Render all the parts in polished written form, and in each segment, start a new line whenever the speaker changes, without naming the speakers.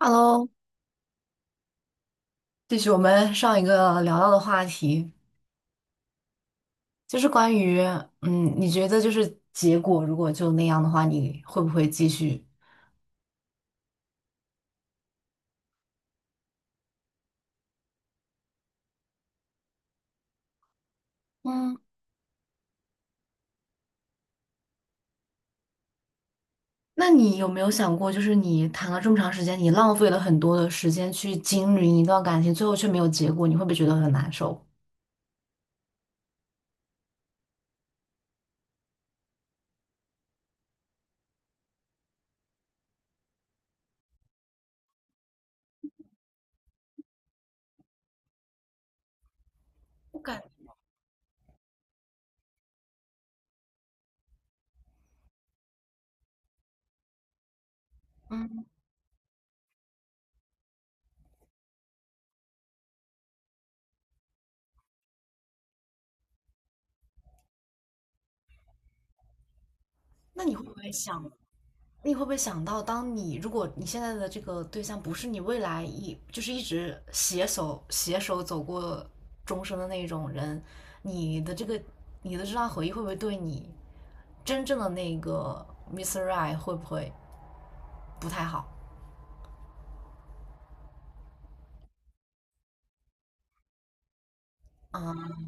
Hello。继续我们上一个聊到的话题，就是关于，你觉得就是结果如果就那样的话，你会不会继续？嗯，那你有没有想过，就是你谈了这么长时间，你浪费了很多的时间去经营一段感情，最后却没有结果，你会不会觉得很难受？我感，嗯，那你会不会想到，当你如果你现在的这个对象不是你未来一就是一直携手走过终生的那种人，你的这个你的这段回忆会不会对你真正的Mr. i s Right 会不会不太好？啊，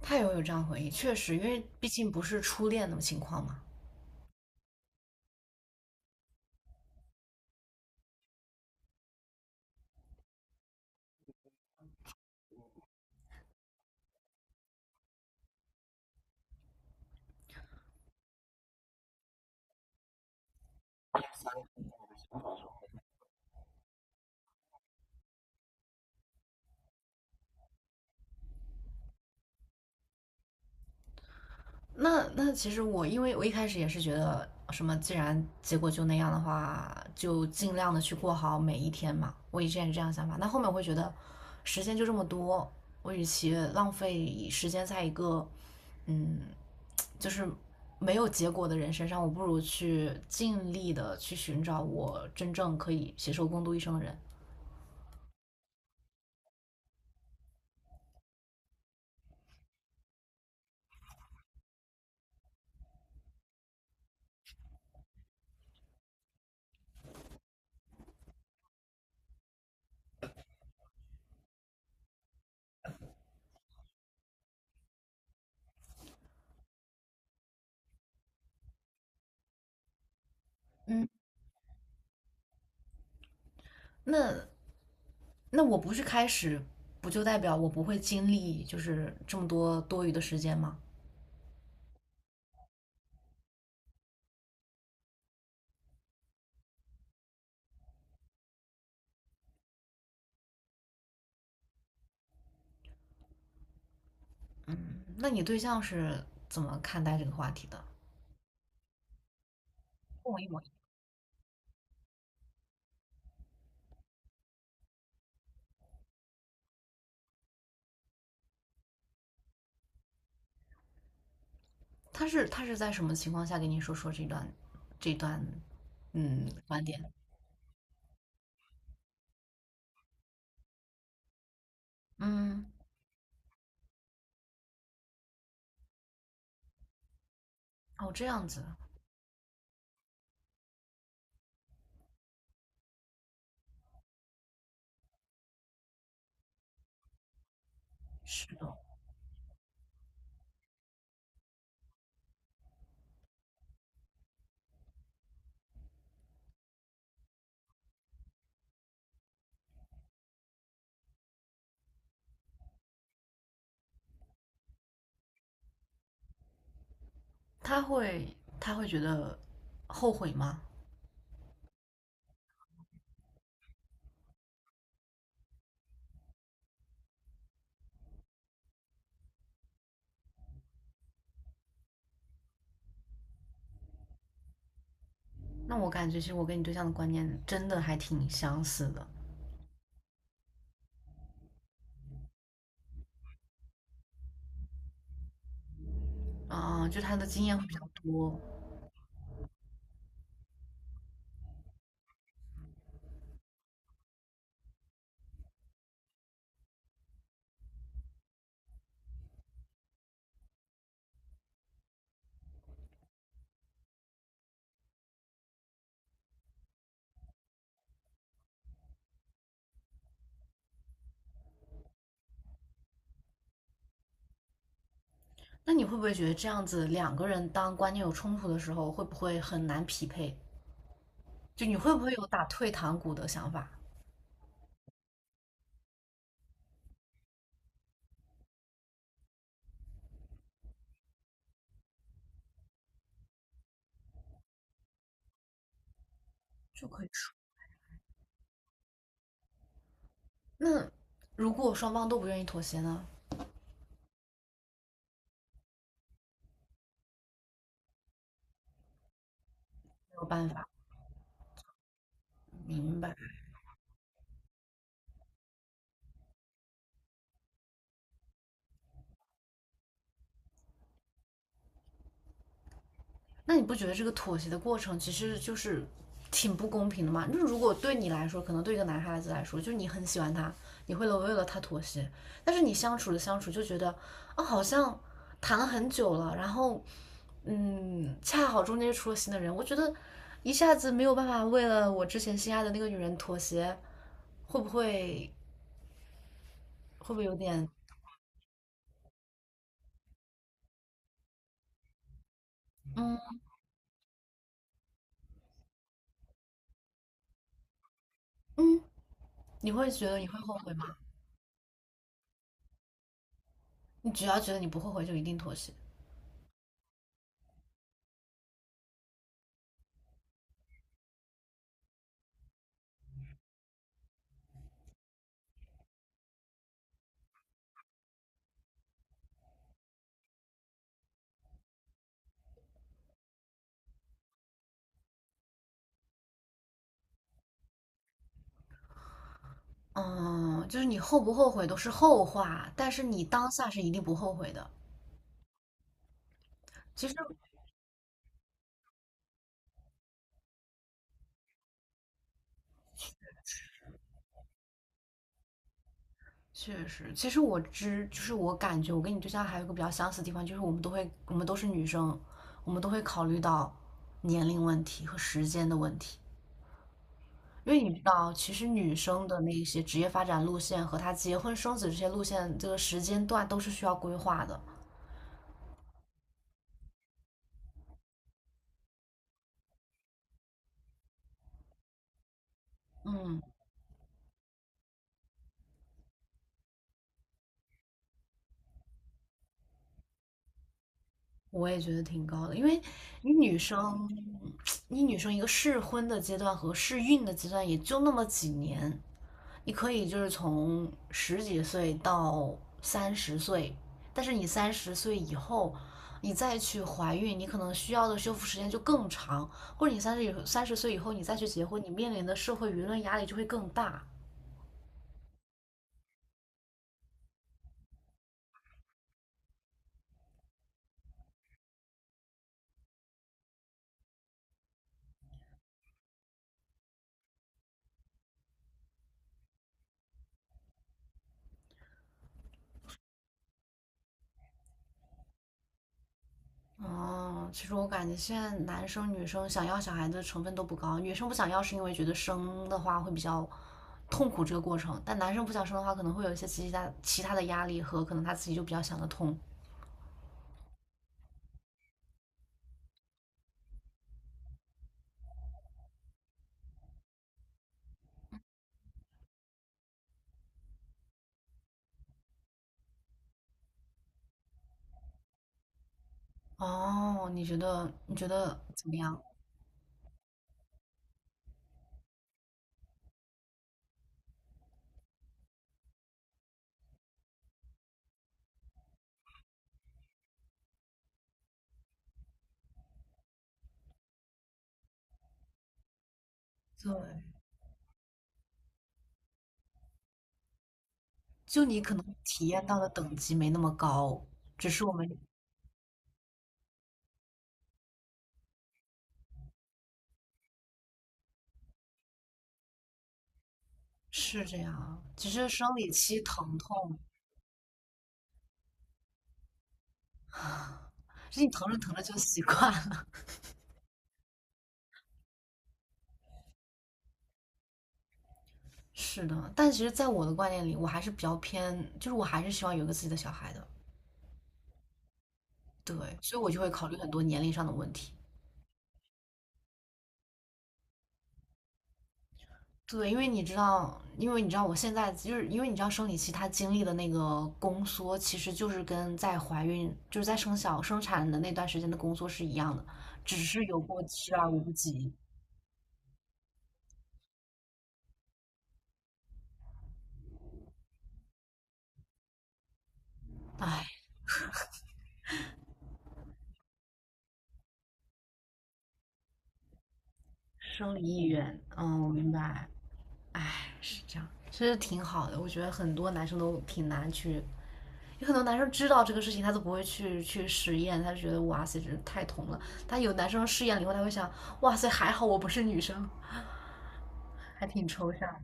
他也会有这样回忆，确实，因为毕竟不是初恋的情况嘛。那其实我因为我一开始也是觉得什么，既然结果就那样的话，就尽量的去过好每一天嘛。我以前是这样想法，那后面我会觉得时间就这么多，我与其浪费时间在一个嗯，就是没有结果的人身上，我不如去尽力的去寻找我真正可以携手共度一生的人。嗯，那那我不去开始，不就代表我不会经历就是这么多多余的时间吗？那你对象是怎么看待这个话题的？跟我一模一样。他是在什么情况下跟你说说这段观点？嗯，哦这样子，是的。他会觉得后悔吗？那我感觉其实我跟你对象的观念真的还挺相似的。就他的经验会比较多。那你会不会觉得这样子两个人当观念有冲突的时候，会不会很难匹配？就你会不会有打退堂鼓的想法？就可以。那如果双方都不愿意妥协呢？没有办法，明白。那你不觉得这个妥协的过程其实就是挺不公平的吗？那如果对你来说，可能对一个男孩子来说，就是你很喜欢他，你会为了他妥协，但是你相处着相处就觉得啊，好像谈了很久了，然后恰好中间又出了新的人，我觉得一下子没有办法为了我之前心爱的那个女人妥协，会不会会不会有点嗯？你会觉得你会后悔吗？你只要觉得你不后悔，就一定妥协。嗯，就是你后不后悔都是后话，但是你当下是一定不后悔的。其实确实，其实我知，就是我感觉我跟你对象还有一个比较相似的地方，就是我们都会，我们都是女生，我们都会考虑到年龄问题和时间的问题。因为你知道，其实女生的那些职业发展路线和她结婚生子这些路线，这个时间段都是需要规划的。嗯，我也觉得挺高的，因为你女生，你女生一个适婚的阶段和适孕的阶段也就那么几年，你可以就是从十几岁到三十岁，但是你三十岁以后，你再去怀孕，你可能需要的修复时间就更长，或者你三十岁以后你再去结婚，你面临的社会舆论压力就会更大。哦，其实我感觉现在男生女生想要小孩的成分都不高，女生不想要是因为觉得生的话会比较痛苦这个过程，但男生不想生的话可能会有一些其他的压力和可能他自己就比较想得通。哦，你觉得怎么样？对，就你可能体验到的等级没那么高，只是我们是这样，只是生理期疼痛，是你疼着疼着就习惯了。是的，但其实，在我的观念里，我还是比较偏，就是我还是希望有一个自己的小孩的。对，所以我就会考虑很多年龄上的问题。对，因为你知道，因为你知道，我现在因为你知道生理期它经历的那个宫缩，其实就是跟在怀孕，就是在生产的那段时间的宫缩是一样的，只是有过期而无不及。唉，生理意愿，嗯，我明白。唉，是这样，其实挺好的，我觉得很多男生都挺难去有很多男生知道这个事情，他都不会去实验，他就觉得哇塞，这太痛了。他有男生试验了以后，他会想，哇塞，还好我不是女生，还挺抽象，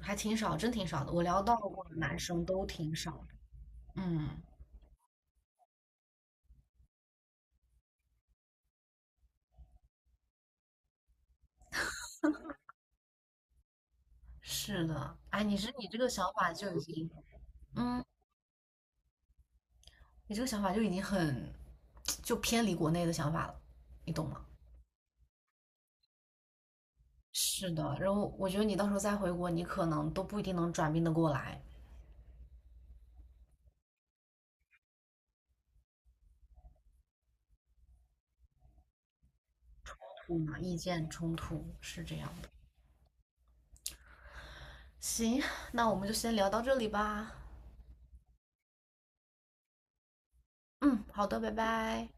还挺少，真挺少的。我聊到过的男生都挺少的。嗯，是的，哎，你这个想法就已经，嗯，你这个想法就已经很，就偏离国内的想法了，你懂吗？是的，然后我觉得你到时候再回国，你可能都不一定能转变得过来，嗯，意见冲突是这样。行，那我们就先聊到这里吧。嗯，好的，拜拜。